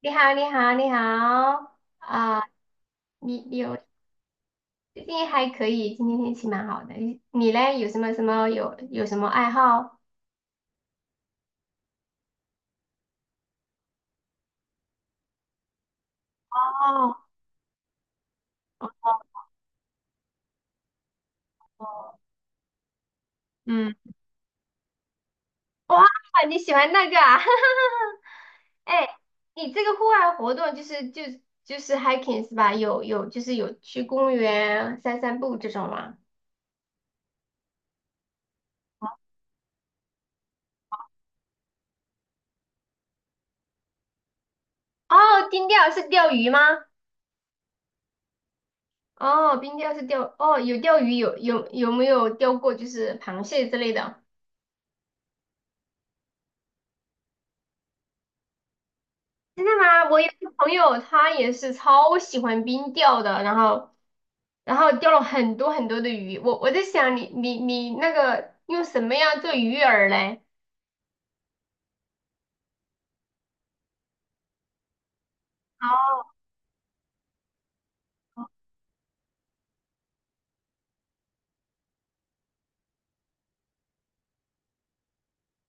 你好，你好，你好啊！你你有最近还可以，今天天气蛮好的。你嘞，有什么什么有有什么爱好？哦，嗯，哇，你喜欢那个啊？哎，你这个户外活动就是 hiking 是吧？有有就是有去公园散散步这种吗？哦，冰钓是钓鱼吗？哦，冰钓是钓，哦，有钓鱼，有没有钓过就是螃蟹之类的？真的吗？我有一个朋友，他也是超喜欢冰钓的，然后钓了很多很多的鱼。我在想你，你那个用什么样做鱼饵嘞？哦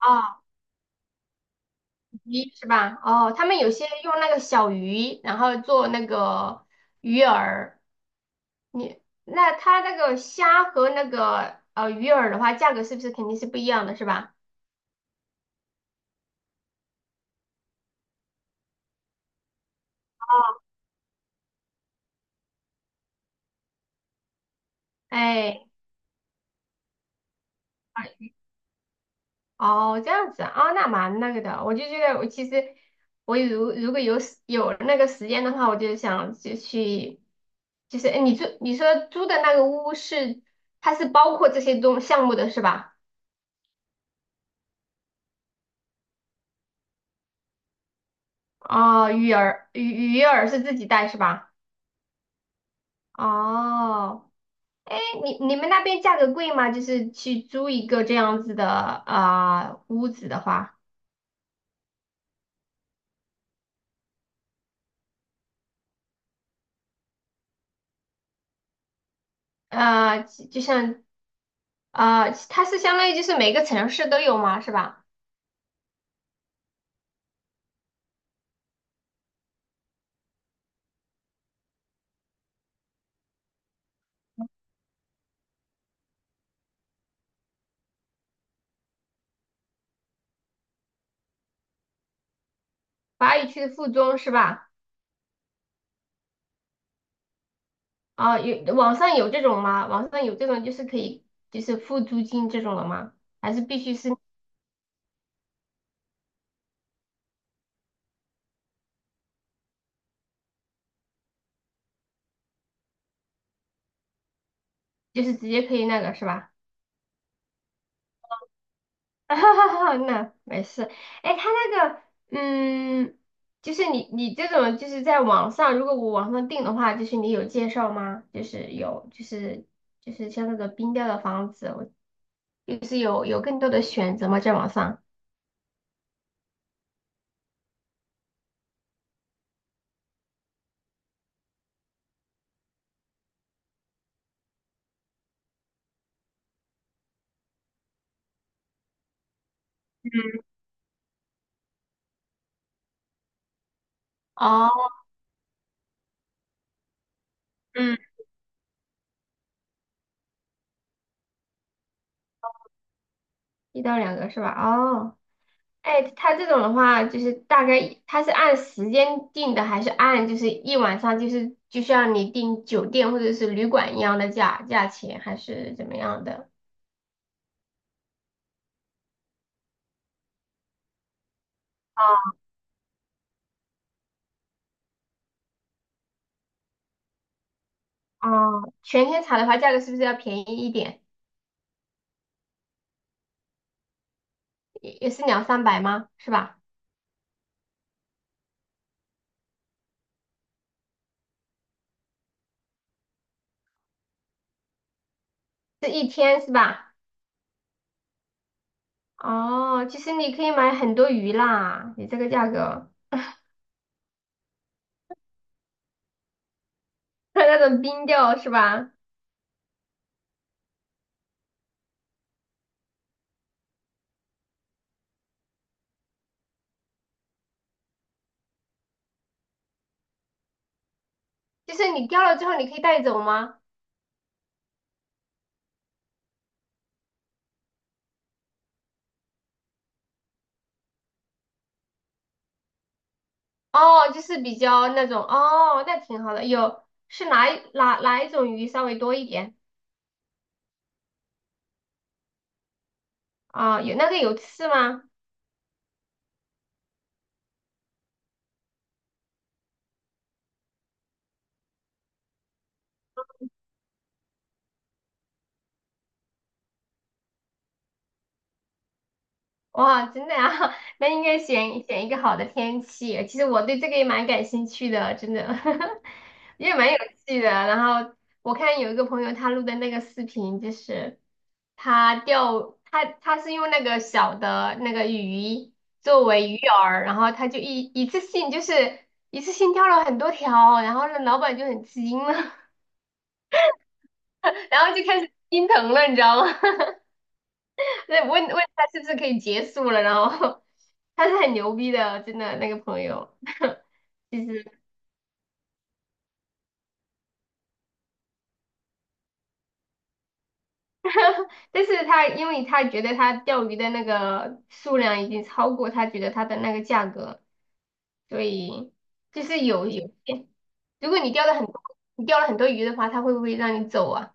哦，鱼是吧？哦，他们有些用那个小鱼，然后做那个鱼饵。他那个虾和那个鱼饵的话，价格是不是肯定是不一样的，是吧？哎。哦，这样子啊，哦那蛮那个的。我就觉得，我其实如果有那个时间的话，我就想就去，就是哎，你说租的那个屋是它是包括这些项目的是吧？哦，鱼饵是自己带是吧？哦，哎，你们那边价格贵吗？就是去租一个这样子的啊、屋子的话，啊就就像啊、呃它是相当于就是每个城市都有吗？是吧？法语区的附中是吧？啊，有网上有这种吗？网上有这种就是可以就是付租金这种的吗？还是必须是就是直接可以那个是吧？那没事。哎，他那个嗯，就是你这种就是在网上，如果我网上订的话，就是你有介绍吗？就是有就是就是像那个冰雕的房子，我就是有更多的选择吗？在网上？哦，嗯，1到2个是吧？哦。哎，他这种的话，就是大概他是按时间定的，还是按就是一晚上就是像你订酒店或者是旅馆一样的价钱，还是怎么样的？哦，全天查的话，价格是不是要便宜一点？也是两三百吗？是吧？是一天是吧？哦，其实你可以买很多鱼啦，你这个价格，那种冰钓是吧？就是你钓了之后，你可以带走吗？哦，就是比较那种哦，那挺好的。有是哪一种鱼稍微多一点啊？有那个有刺吗？哇，真的啊，那应该选选一个好的天气。其实我对这个也蛮感兴趣的，真的，也蛮有趣的。然后我看有一个朋友他录的那个视频，就是他钓，他他是用那个小的那个鱼作为鱼饵，然后他就一次性钓了很多条，然后那老板就很吃惊了，然后就开始心疼了，你知道吗？那问问他是不是可以结束了，然后 他是很牛逼的哦，真的那个朋友，其实，但是他因为他觉得他钓鱼的那个数量已经超过他觉得他的那个价格，所以就是些，如果你钓了很多，你钓了很多鱼的话，他会不会让你走啊？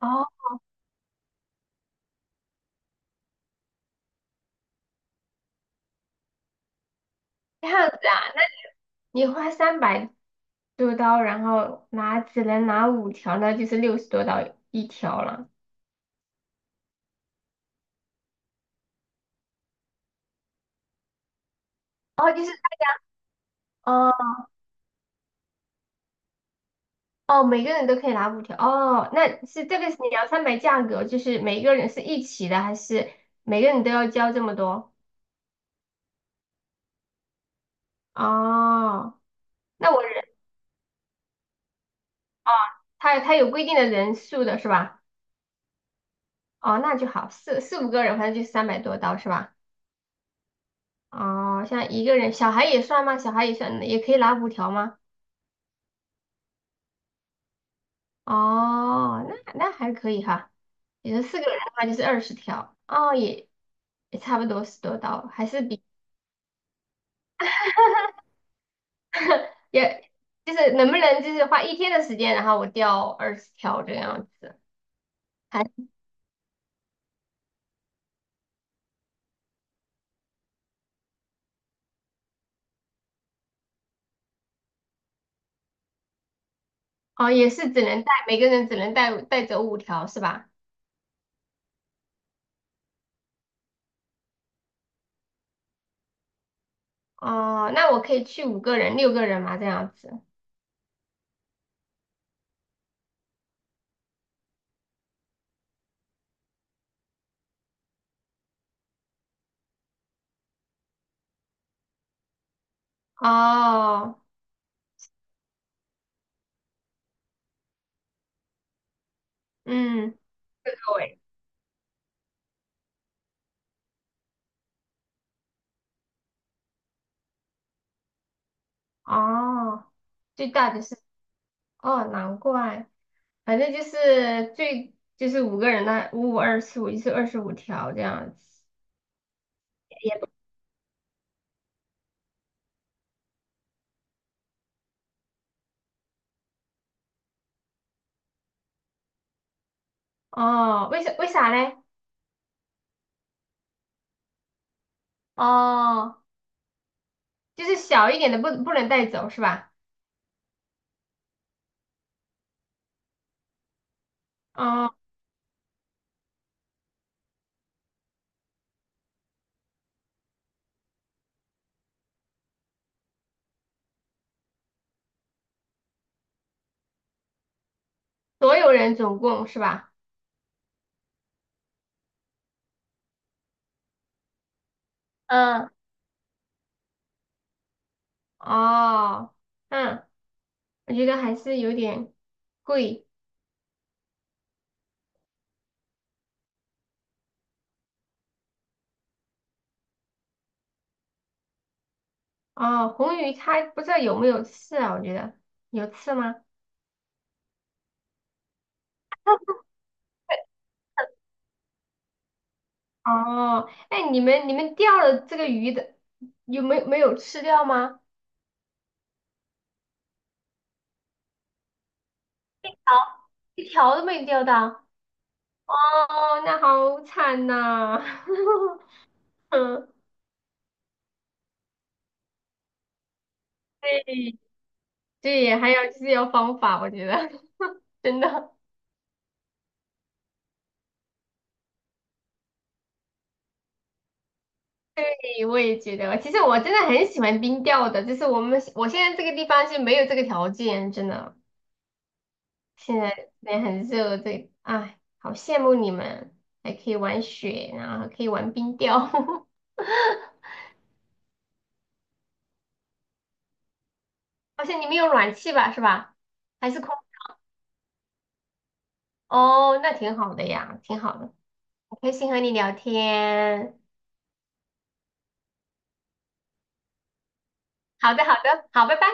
哦，这样子啊，那你花三百多刀，然后拿只能拿五条，那就是60多刀一条了，哦。哦哦，每个人都可以拿五条。哦，这个是你要摊牌价格，就是每个人是一起的，还是每个人都要交这么多？哦，那我人他有规定的人数的是吧？哦，那就好，四五个人，反正就三百多刀是吧？哦，像一个人，小孩也算吗？小孩也算，也可以拿五条吗？哦，那那还可以哈。也就四个人的话就是二十条，哦，也差不多十多刀，还是比也就是能不能就是花一天的时间，然后我钓二十条这样子，还哦也是只能每个人只能带走五条是吧？哦，那我可以去五个人、六个人嘛这样子。哦，嗯，对，哦，最大的是哦，难怪，反正就是就是五个人的五五二四五就是25条这样子。也哦，为啥嘞？哦，就是小一点的不能带走是吧？哦。所有人总共是吧？嗯，哦，嗯，我觉得还是有点贵哦。红鱼它不知道有没有刺啊？我觉得有刺吗？哦，哎，你们钓了这个鱼的，有没有吃掉吗？一条都没钓到。哦，那好惨呐、嗯，对对，还有就是要方法，我觉得 真的。对，我也觉得，其实我真的很喜欢冰钓的，就是我现在这个地方是没有这个条件，真的，现在也很热，这，哎，好羡慕你们，还可以玩雪，然后还可以玩冰钓，好像你们有暖气吧，是吧？还是空？哦，那挺好的呀，挺好的，很开心和你聊天。好的，好的，好，拜拜。